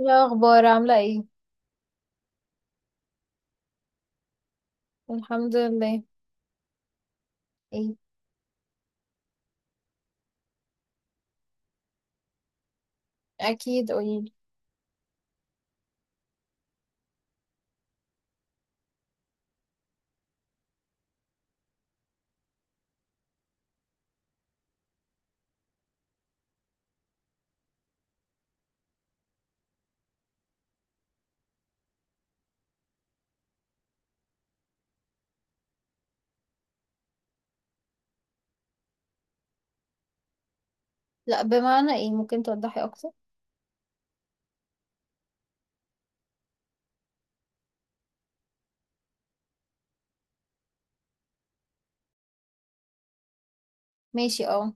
إيه الأخبار عاملة ايه؟ الحمد لله. ايه؟ أكيد، قوليلي. لأ، بمعنى ايه؟ ممكن توضحي أكتر؟ ماشي، اه.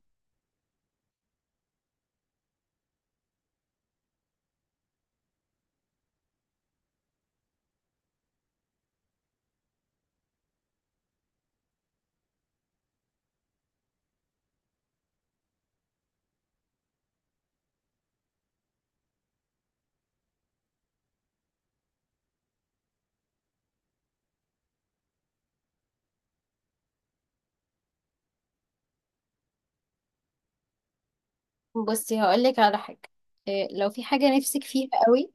بصي هقولك على حاجة. إيه؟ لو في حاجة نفسك فيها قوي،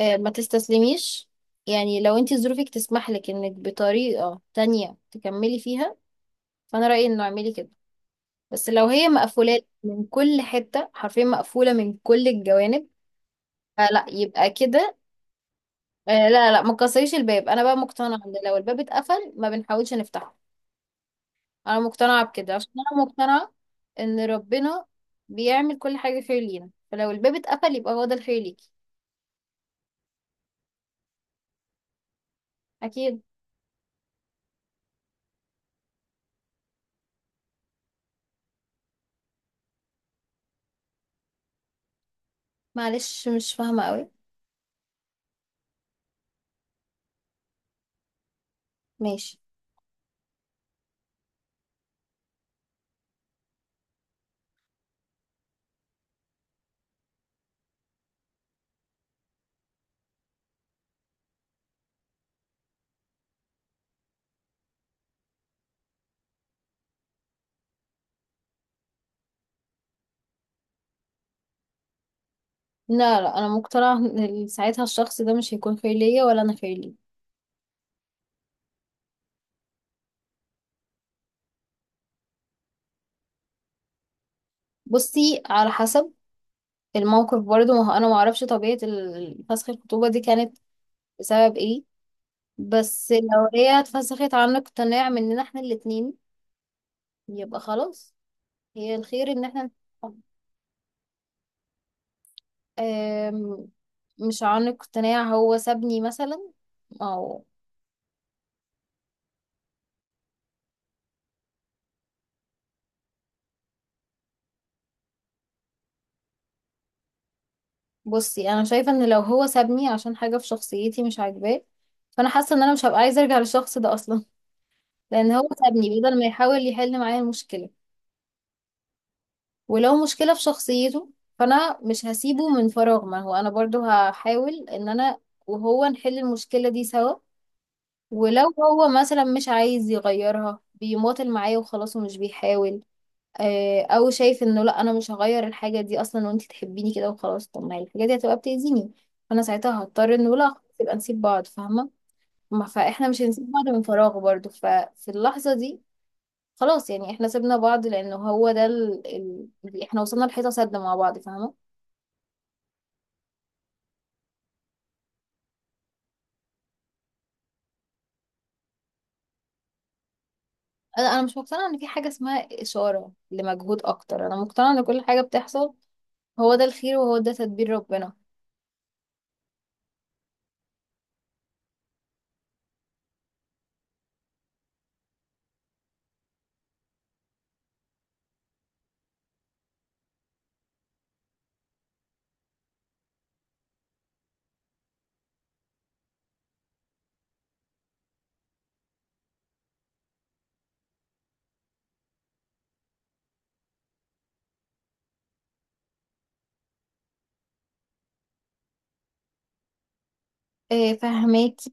إيه ما تستسلميش، يعني لو انتي ظروفك تسمح لك انك بطريقة تانية تكملي فيها، فأنا رأيي انه اعملي كده. بس لو هي مقفولة من كل حتة، حرفيا مقفولة من كل الجوانب، فلا يبقى كده. آه لا لا، ما تكسريش الباب، انا بقى مقتنعه ان لو الباب اتقفل ما بنحاولش نفتحه. انا مقتنعه بكده عشان انا مقتنعه ان ربنا بيعمل كل حاجه خير لينا، فلو الباب اتقفل يبقى هو ده الخير ليكي. اكيد. معلش مش فاهمه قوي. ماشي. لا لا، انا مقتنعه ان ساعتها الشخص ده مش هيكون خير ليا ولا انا خير ليه. بصي على حسب الموقف برضه، ما هو انا ما اعرفش طبيعه فسخ الخطوبه دي كانت بسبب ايه. بس لو هي اتفسخت عن اقتناع مننا احنا الاتنين يبقى خلاص، هي الخير ان احنا. آم، مش عنق اقتناع، هو سابني مثلا، او. بصي انا شايفه ان لو هو سابني عشان حاجه في شخصيتي مش عاجباه، فانا حاسه ان انا مش هبقى عايزه ارجع للشخص ده اصلا لان هو سابني بدل ما يحاول يحل معايا المشكله. ولو مشكله في شخصيته، فانا مش هسيبه من فراغ، ما هو انا برضو هحاول ان انا وهو نحل المشكله دي سوا. ولو هو مثلا مش عايز يغيرها، بيماطل معايا وخلاص ومش بيحاول، او شايف انه لا انا مش هغير الحاجه دي اصلا وانت تحبيني كده وخلاص، طب ما هي الحاجه دي هتبقى بتاذيني، فانا ساعتها هضطر انه لا خلاص يبقى نسيب بعض، فاهمه؟ ما فاحنا مش هنسيب بعض من فراغ برضو، ففي اللحظه دي خلاص يعني احنا سيبنا بعض لانه هو ده اللي احنا وصلنا لحيطه سد مع بعض، فاهمه؟ انا مش مقتنعه ان في حاجه اسمها اشاره لمجهود اكتر، انا مقتنعه ان كل حاجه بتحصل هو ده الخير وهو ده تدبير ربنا. إيه؟ فهماكي.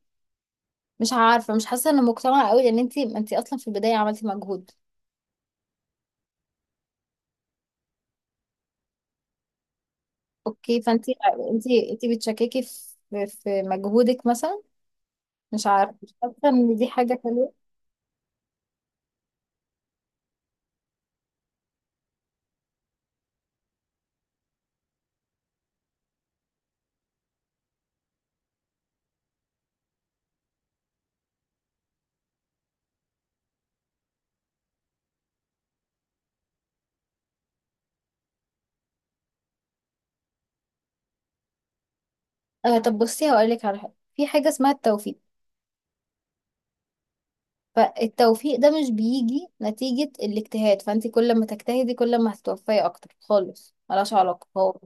مش عارفه مش حاسه ان مقتنعه قوي، لان انت اصلا في البدايه عملتي مجهود. اوكي، فانت انت انت بتشككي في مجهودك مثلا؟ مش عارفه مش حاسه ان دي حاجه حلوه. آه طب بصي هقول لك على حاجه، في حاجه اسمها التوفيق. فالتوفيق ده مش بيجي نتيجه الاجتهاد، فانت كل ما تجتهدي كل ما هتتوفقي اكتر خالص، ملهاش علاقه. هو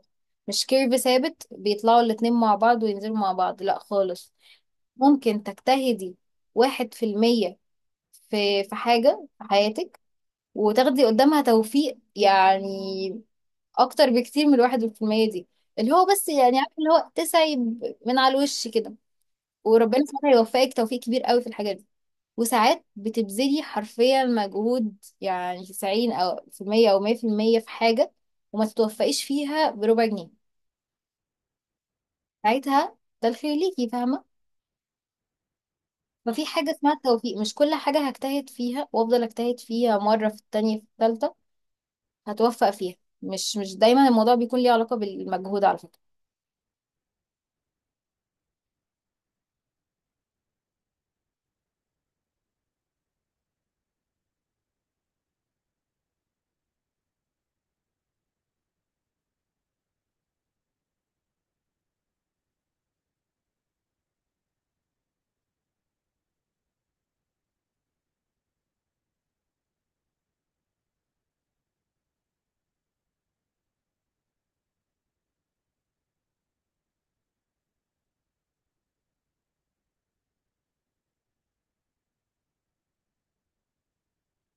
مش كيرف ثابت بيطلعوا الاتنين مع بعض وينزلوا مع بعض، لا خالص. ممكن تجتهدي 1% في في حاجة في حياتك، وتاخدي قدامها توفيق، يعني اكتر بكتير من 1% دي، اللي هو بس يعني عارف، اللي هو تسعي من على الوش كده. وربنا سبحانه يوفقك توفيق كبير قوي في الحاجات دي. وساعات بتبذلي حرفيا مجهود، يعني 90 او في المية او 100% في المية في حاجة، وما تتوفقيش فيها بربع جنيه. ساعتها ده الخير ليكي، فاهمة؟ ففي حاجة اسمها توفيق، مش كل حاجة هجتهد فيها وافضل اجتهد فيها مرة في التانية في التالتة هتوفق فيها. مش دايما الموضوع بيكون ليه علاقة بالمجهود على فكرة.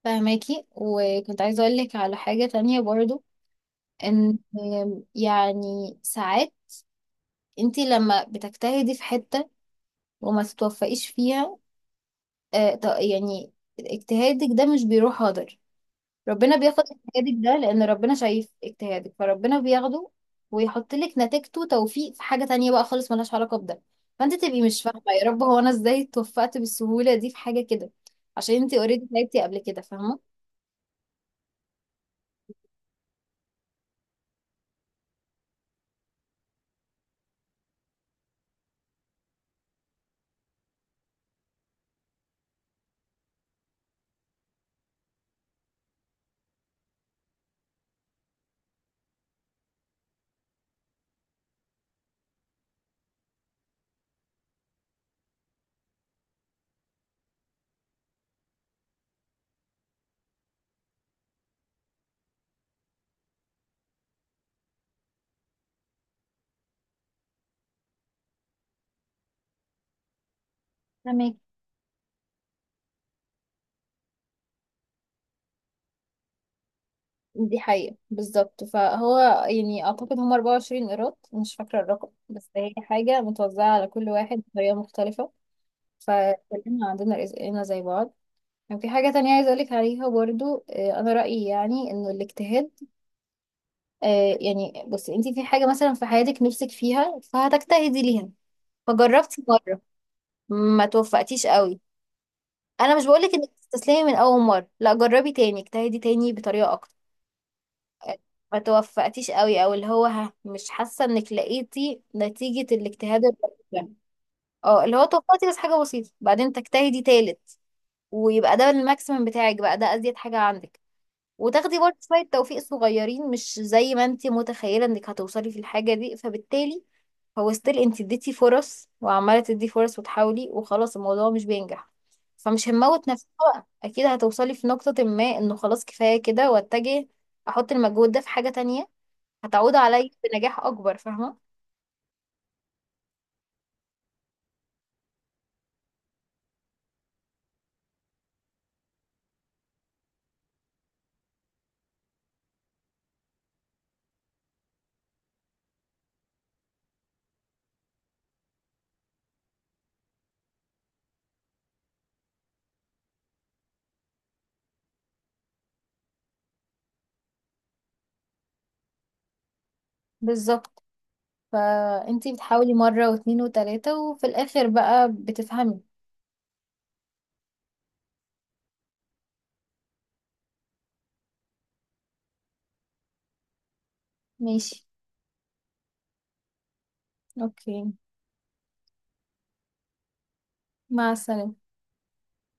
فهماكي. وكنت عايزة أقولك على حاجة تانية برضو، إن يعني ساعات انتي لما بتجتهدي في حتة وما تتوفقيش فيها، يعني اجتهادك ده مش بيروح هدر. ربنا بياخد اجتهادك ده، لأن ربنا شايف اجتهادك فربنا بياخده ويحط لك نتيجته توفيق في حاجة تانية بقى خالص ملهاش علاقة بده. فانت تبقي مش فاهمة، يا رب هو أنا ازاي اتوفقت بالسهولة دي في حاجة كده، عشان انتي اوريدي تعبتي قبل كده، فاهمة؟ فهماكي. دي حقيقة بالظبط، فهو يعني أعتقد هم 24 قيراط، مش فاكرة الرقم، بس هي حاجة متوزعة على كل واحد بطريقة مختلفة. فكلنا عندنا رزقنا زي بعض. كان في حاجة تانية عايزة أقولك عليها برضو، أنا رأيي يعني إنه الاجتهاد، يعني بصي أنتي في حاجة مثلا في حياتك نفسك فيها فهتجتهدي ليها، فجربتي مرة ما توفقتيش قوي، أنا مش بقولك إنك تستسلمي من أول مرة، لا جربي تاني اجتهدي تاني بطريقة أكتر، ما توفقتيش قوي او اللي هو ها مش حاسه انك لقيتي نتيجه الاجتهاد البسيط اه اللي هو توفقتي بس حاجه بسيطه، بعدين تجتهدي تالت ويبقى ده الماكسيمم بتاعك بقى، ده ازيد حاجه عندك، وتاخدي برضه شويه توفيق صغيرين مش زي ما انت متخيله انك هتوصلي في الحاجه دي. فبالتالي هو ستيل انت اديتي فرص وعماله تدي فرص وتحاولي، وخلاص الموضوع مش بينجح، فمش هنموت نفسنا بقى، اكيد هتوصلي في نقطه ما انه خلاص كفايه كده واتجه، احط المجهود ده في حاجه تانية هتعود عليا بنجاح اكبر، فاهمة؟ بالظبط. فانتي بتحاولي مرة واتنين وتلاتة وفي الآخر بقى بتفهمي. ماشي. اوكي. مع السلامة.